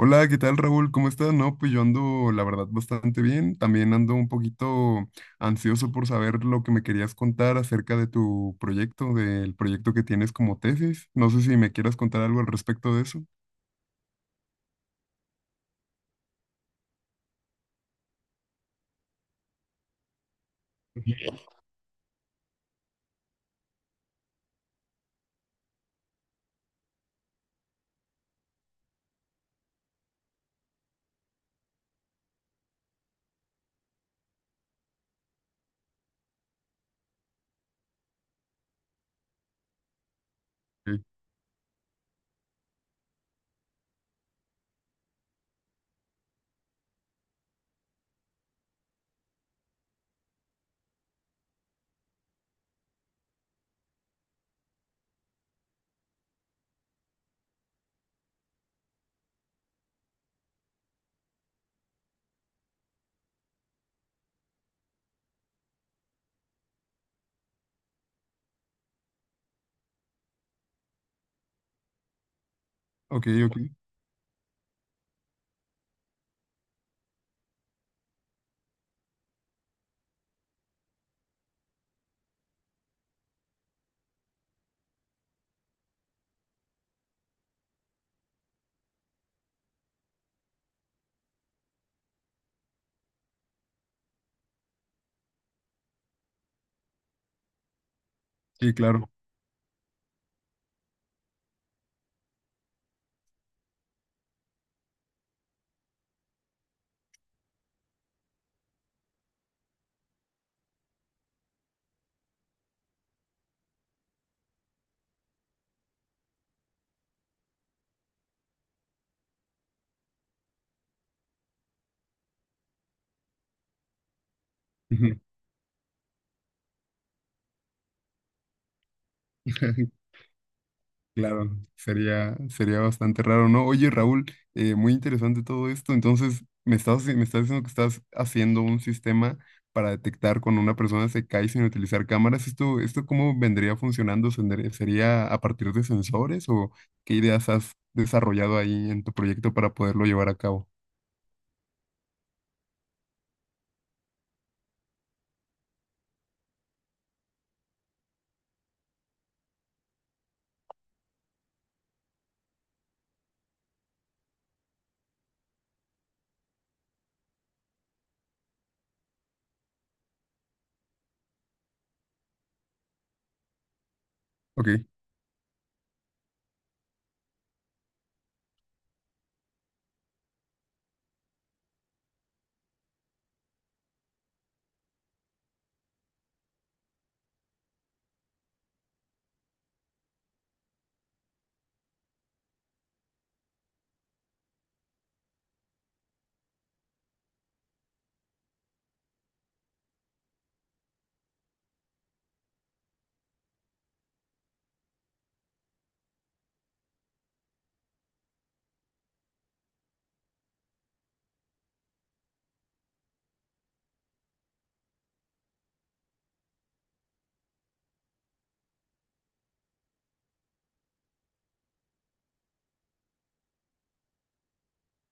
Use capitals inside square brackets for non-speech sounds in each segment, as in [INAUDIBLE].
Hola, ¿qué tal, Raúl? ¿Cómo estás? No, pues yo ando, la verdad, bastante bien. También ando un poquito ansioso por saber lo que me querías contar acerca de tu proyecto, del proyecto que tienes como tesis. No sé si me quieras contar algo al respecto de eso. Ok, ok, ok. Sí, claro. [LAUGHS] Claro, sería, sería bastante raro, ¿no? Oye, Raúl, muy interesante todo esto. Entonces, me estás diciendo que estás haciendo un sistema para detectar cuando una persona se cae sin utilizar cámaras. ¿Esto cómo vendría funcionando? ¿Sendría- ¿Sería a partir de sensores o qué ideas has desarrollado ahí en tu proyecto para poderlo llevar a cabo? Ok,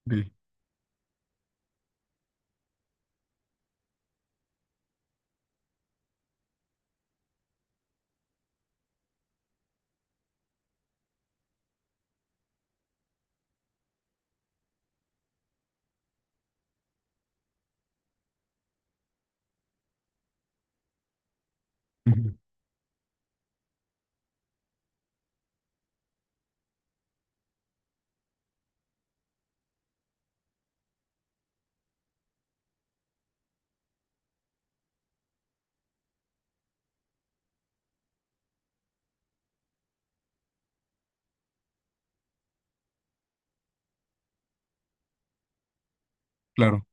ok. Ujú. Claro.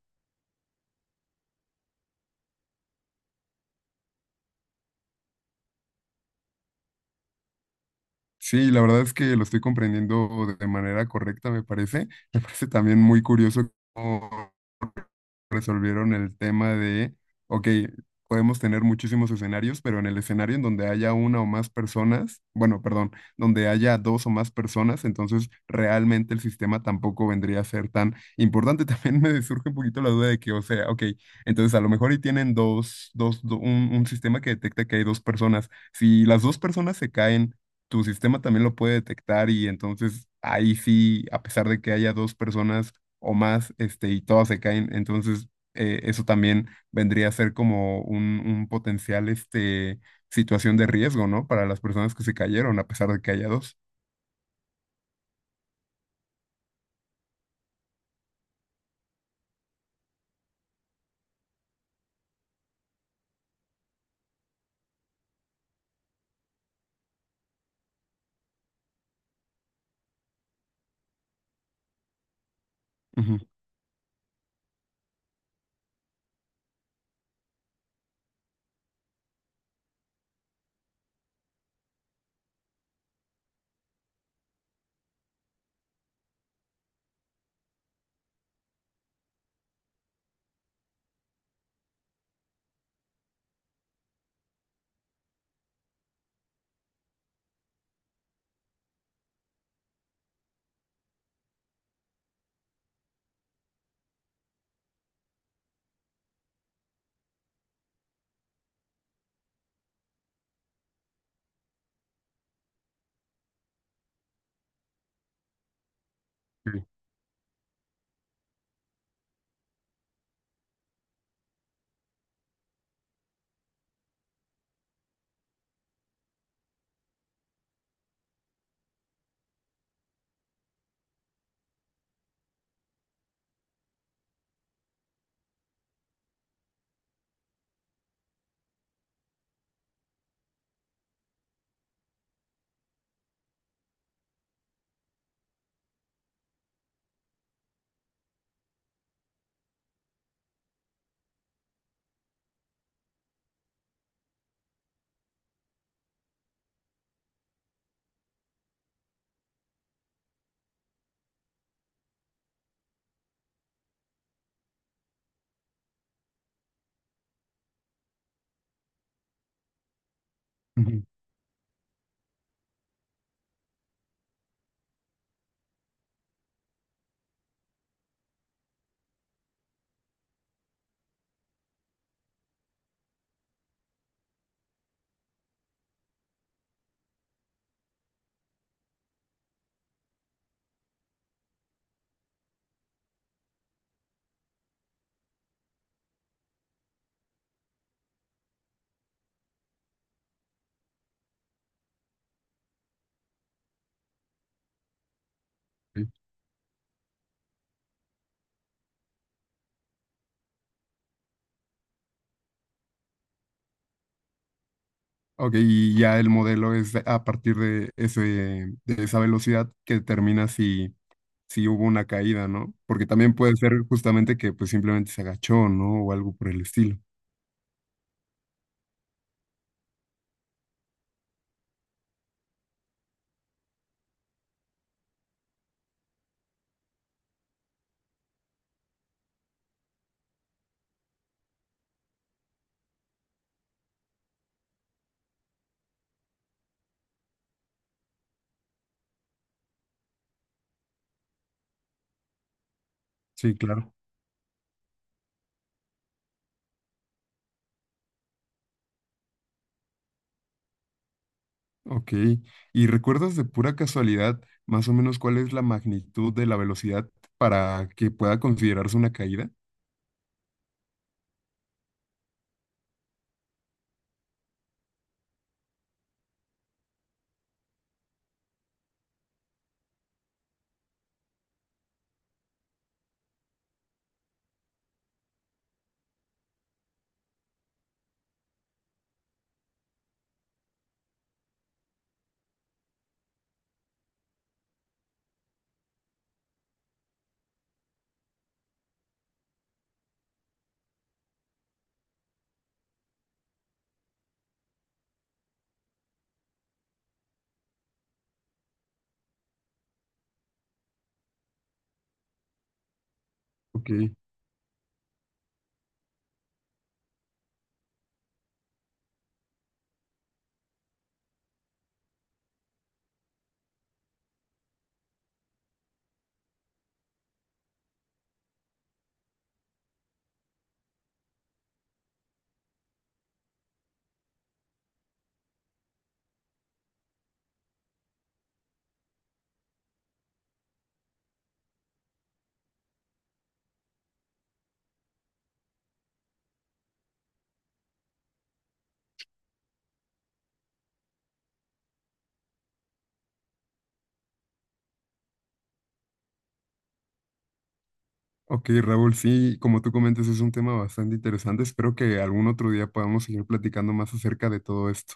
Sí, la verdad es que lo estoy comprendiendo de manera correcta, me parece. Me parece también muy curioso. Resolvieron el tema de, ok, podemos tener muchísimos escenarios, pero en el escenario en donde haya una o más personas, bueno, perdón, donde haya dos o más personas, entonces realmente el sistema tampoco vendría a ser tan importante. [LAUGHS] También me surge un poquito la duda de que, o sea, ok, entonces a lo mejor y tienen un sistema que detecta que hay dos personas. Si las dos personas se caen, tu sistema también lo puede detectar y entonces ahí sí, a pesar de que haya dos personas, o más, este, y todas se caen. Entonces, eso también vendría a ser como un potencial, este, situación de riesgo, ¿no? Para las personas que se cayeron, a pesar de que haya dos. Ujú, sí, ujú, sí. Ok, y ya el modelo es a partir de ese, de esa velocidad que determina si, si hubo una caída, ¿no? Porque también puede ser justamente que pues simplemente se agachó, ¿no? O algo por el estilo. Sí, claro. Ok, ¿y recuerdas de pura casualidad más o menos cuál es la magnitud de la velocidad para que pueda considerarse una caída? Ok, ok, Raúl, sí, como tú comentas, es un tema bastante interesante. Espero que algún otro día podamos seguir platicando más acerca de todo esto.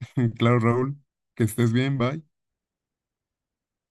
[LAUGHS] Claro, Raúl, que estés bien, bye.